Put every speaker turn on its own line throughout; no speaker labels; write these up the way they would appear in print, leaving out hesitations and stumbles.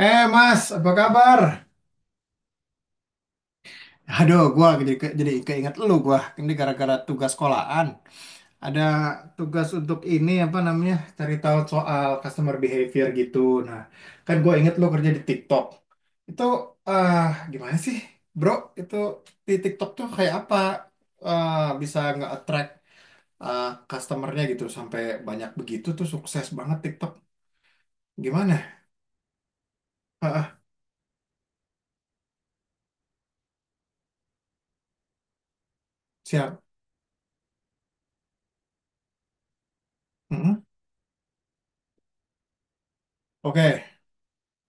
Eh Mas, apa kabar? Aduh, gua jadi keinget lu gua. Ini gara-gara tugas sekolahan. Ada tugas untuk ini apa namanya? Cari tahu soal customer behavior gitu. Nah, kan gua inget lu kerja di TikTok. Itu eh gimana sih, Bro? Itu di TikTok tuh kayak apa? Bisa nggak attract eh, customer gitu sampai banyak begitu tuh sukses banget TikTok. Gimana? Ah, ah, siap. Mm-mm. Oke.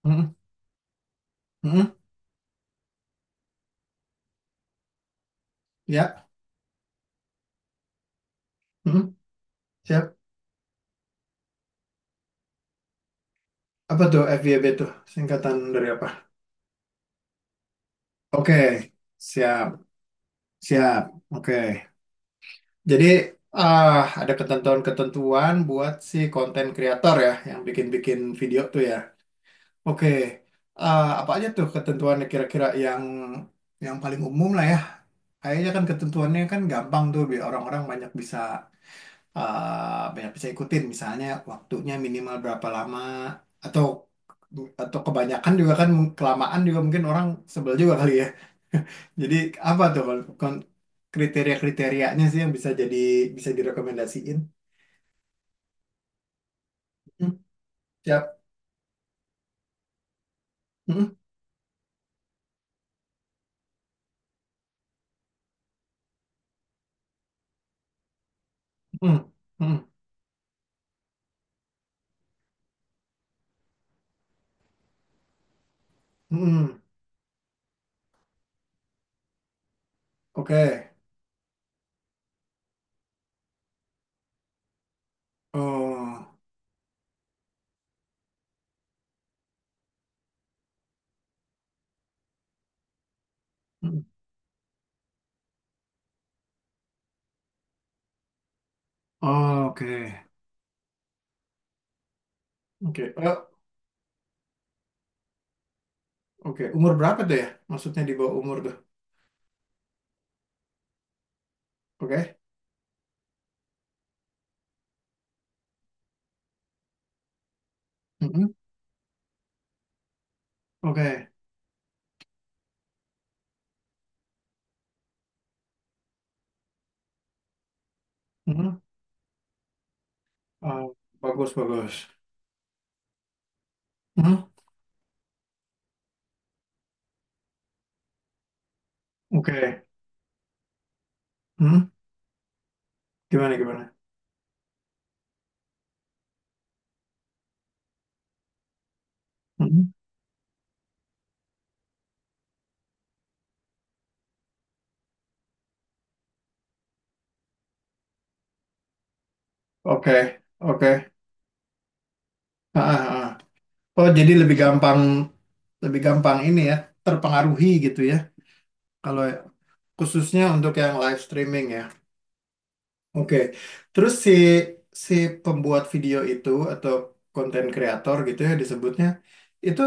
Mm-mm. Mm-mm. Ya. Mm-mm. Siap. Apa tuh FYB tuh? Singkatan dari apa? Oke, siap, siap. Oke. Jadi ada ketentuan-ketentuan buat si konten kreator ya yang bikin-bikin video tuh ya. Oke. Apa aja tuh ketentuannya kira-kira yang paling umum lah ya? Kayaknya kan ketentuannya kan gampang tuh biar orang-orang banyak bisa ikutin, misalnya waktunya minimal berapa lama, atau kebanyakan juga kan kelamaan juga mungkin orang sebel juga kali ya. Jadi apa tuh kriteria-kriterianya sih yang bisa jadi bisa direkomendasiin? Hmm, siap. Hmm, hmm, hmm, hmm. Oke. Oh. Hmm. Oh, oke. Oke. Oh, oke. Umur berapa tuh ya? Maksudnya di bawah umur tuh. Oke. Hmm, hmm, oke. Hmm. Oh, bagus, bagus. Hmm, oke. Hmm? Gimana, gimana? Hmm? Oke, oke. Ah, ah, ah. Oh, jadi lebih gampang, lebih gampang ini ya, terpengaruhi gitu ya. Kalau khususnya untuk yang live streaming ya. Oke. Terus si si pembuat video itu atau konten kreator gitu ya disebutnya, itu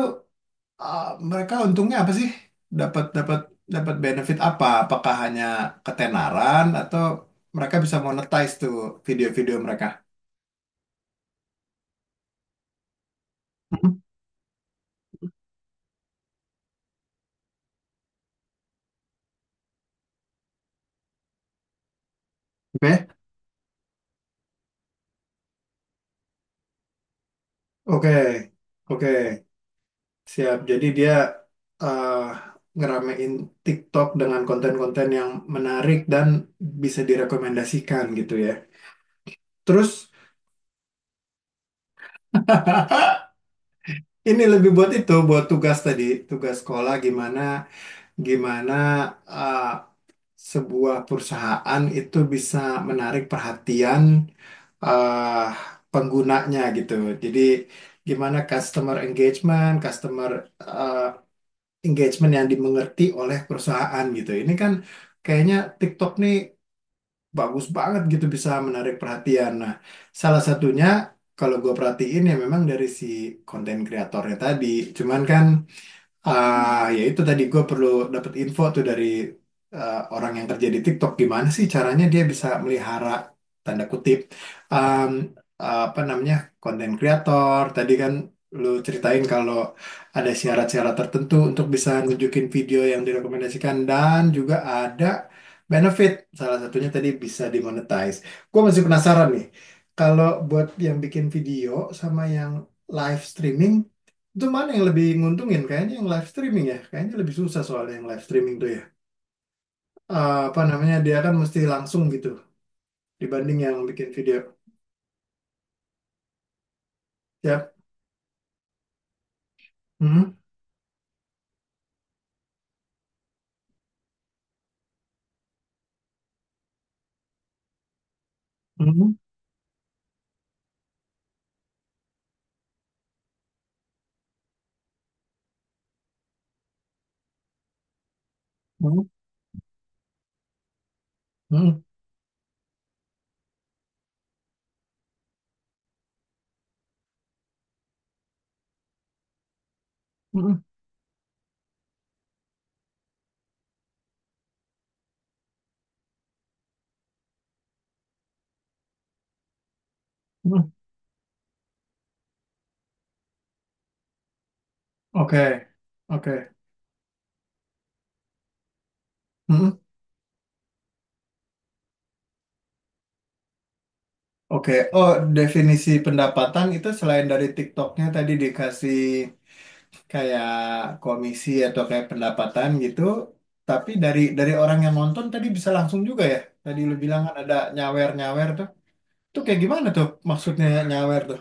ah, mereka untungnya apa sih? Dapat dapat dapat benefit apa? Apakah hanya ketenaran atau mereka bisa monetize tuh video-video mereka? Hmm? Oke. Oke, oke, siap. Jadi dia eh, ngeramein TikTok dengan konten-konten yang menarik dan bisa direkomendasikan gitu ya. Terus ini lebih buat itu, buat tugas tadi, tugas sekolah gimana, gimana eh, sebuah perusahaan itu bisa menarik perhatian eh, penggunanya gitu. Jadi gimana customer engagement, customer eh, engagement yang dimengerti oleh perusahaan gitu. Ini kan kayaknya TikTok nih bagus banget gitu bisa menarik perhatian. Nah, salah satunya kalau gue perhatiin ya memang dari si konten kreatornya tadi. Cuman kan ah, ya itu tadi gue perlu dapat info tuh dari orang yang kerja di TikTok gimana sih caranya dia bisa melihara, tanda kutip, em, apa namanya, konten kreator. Tadi kan lu ceritain kalau ada syarat-syarat tertentu untuk bisa nunjukin video yang direkomendasikan dan juga ada benefit. Salah satunya tadi bisa dimonetize. Gue masih penasaran nih. Kalau buat yang bikin video sama yang live streaming, itu mana yang lebih nguntungin? Kayaknya yang live streaming ya. Kayaknya lebih susah soalnya yang live streaming tuh ya. Eh, apa namanya? Dia kan mesti langsung gitu dibanding yang bikin video. Ya. Hmm, hmm, hmm, hmm, hmm, hmm. Oke, oke, hmm, oke. Oh, definisi pendapatan itu selain dari TikToknya tadi dikasih kayak komisi atau kayak pendapatan gitu, tapi dari orang yang nonton tadi bisa langsung juga ya. Tadi lu bilang kan ada nyawer-nyawer tuh. Itu kayak gimana tuh maksudnya nyawer tuh?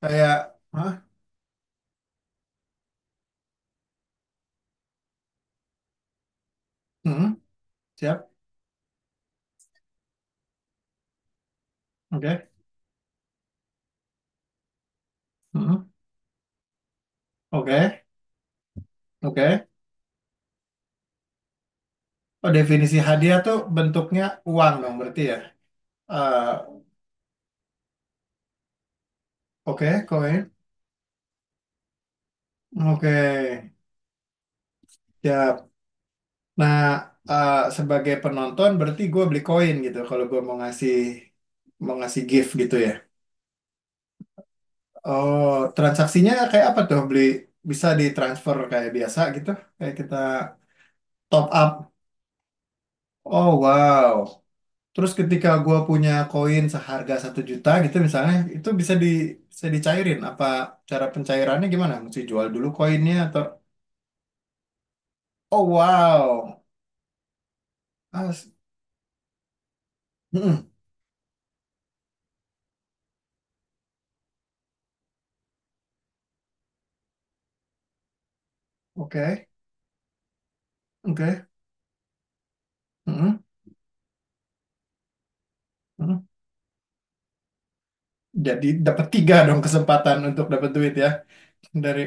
Kayak, hah? Hmm, siap, oke, hmm, oke, oke. Oh, definisi hadiah tuh bentuknya uang dong berarti ya? Eh, oke, koin, oke, siap. Nah, eh, sebagai penonton berarti gue beli koin gitu kalau gue mau ngasih, mau ngasih gift gitu ya. Oh, transaksinya kayak apa tuh? Beli bisa ditransfer kayak biasa gitu? Kayak kita top up. Oh, wow. Terus ketika gua punya koin seharga 1 juta gitu misalnya, itu bisa bisa dicairin. Apa cara pencairannya gimana? Mesti jual dulu koinnya atau oh wow, As. Mm-mm. Oke. Oke. Mm-mm. Mm-mm. Jadi dapat tiga dong kesempatan untuk dapat duit ya, dari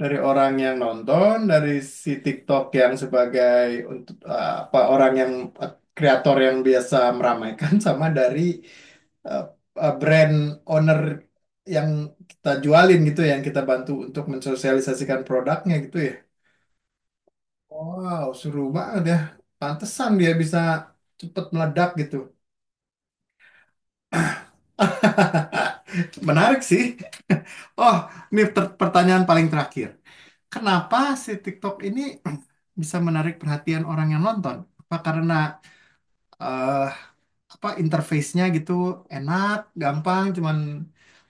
dari orang yang nonton, dari si TikTok yang sebagai untuk eh, apa, orang yang eh, kreator yang biasa meramaikan sama dari eh, eh, brand owner yang kita jualin gitu, ya, yang kita bantu untuk mensosialisasikan produknya gitu ya. Wow, seru banget ya. Pantesan dia bisa cepet meledak gitu. Menarik sih. Oh, ini pertanyaan paling terakhir. Kenapa si TikTok ini bisa menarik perhatian orang yang nonton? Apa karena eh apa interface-nya gitu enak, gampang, cuman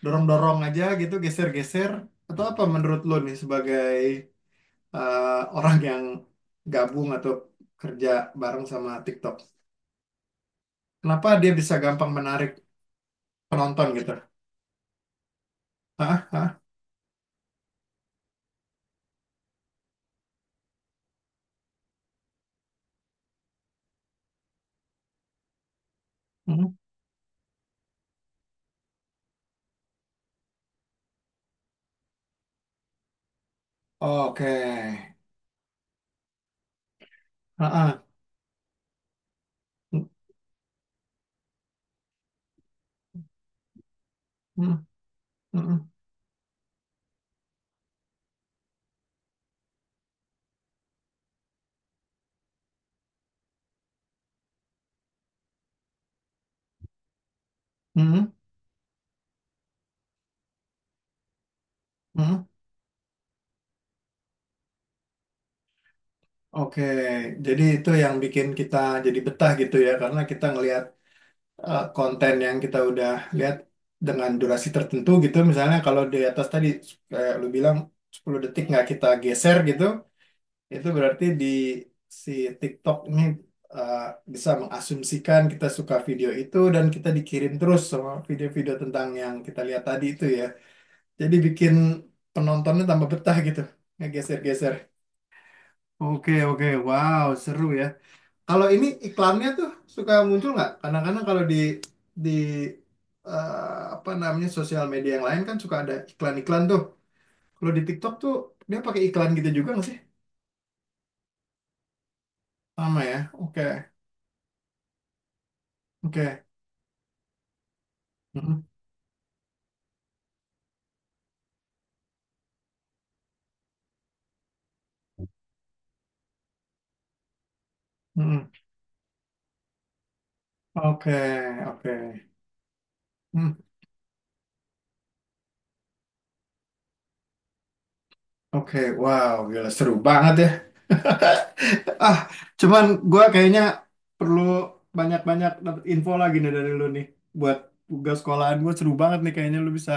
dorong-dorong aja gitu, geser-geser? Atau apa menurut lo nih sebagai orang yang gabung atau kerja bareng sama TikTok? Kenapa dia bisa gampang menarik penonton gitu? Hah? Hmm. Oke. Ah, ah. Hmm, hmm, hmm, hmm, hmm. Oke, jadi itu yang bikin kita jadi betah gitu ya, karena kita ngelihat konten yang kita udah lihat dengan durasi tertentu gitu. Misalnya kalau di atas tadi kayak lu bilang 10 detik nggak kita geser gitu, itu berarti di si TikTok ini eh, bisa mengasumsikan kita suka video itu dan kita dikirim terus sama video-video tentang yang kita lihat tadi itu ya. Jadi bikin penontonnya tambah betah gitu, ngegeser-geser. Oke, oke, wow, seru ya. Kalau ini iklannya tuh suka muncul nggak? Kadang-kadang kalau di di eh, apa namanya, sosial media yang lain kan suka ada iklan-iklan tuh. Kalau di TikTok tuh dia pakai iklan gitu juga nggak sih? Sama ya. Oke, oke, mm-mm, mm-mm. Oke, oke. Hmm. Oke, wow, gila seru banget ya. Ah, cuman gua kayaknya perlu banyak-banyak dapet info lagi nih dari lu nih buat tugas sekolahan gue. Seru banget nih kayaknya lu bisa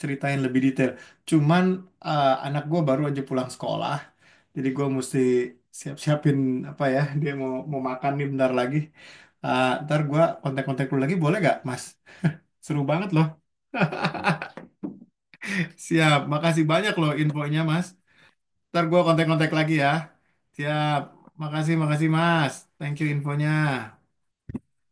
ceritain lebih detail. Cuman eh, anak gue baru aja pulang sekolah, jadi gue mesti siap-siapin, apa ya, dia mau mau makan nih bentar lagi. Eh, ntar gue kontak-kontak lu lagi boleh gak, Mas? Seru banget loh. Siap, makasih banyak loh infonya, Mas. Ntar gue kontak-kontak lagi ya. Siap. Makasih, makasih Mas. Thank you infonya.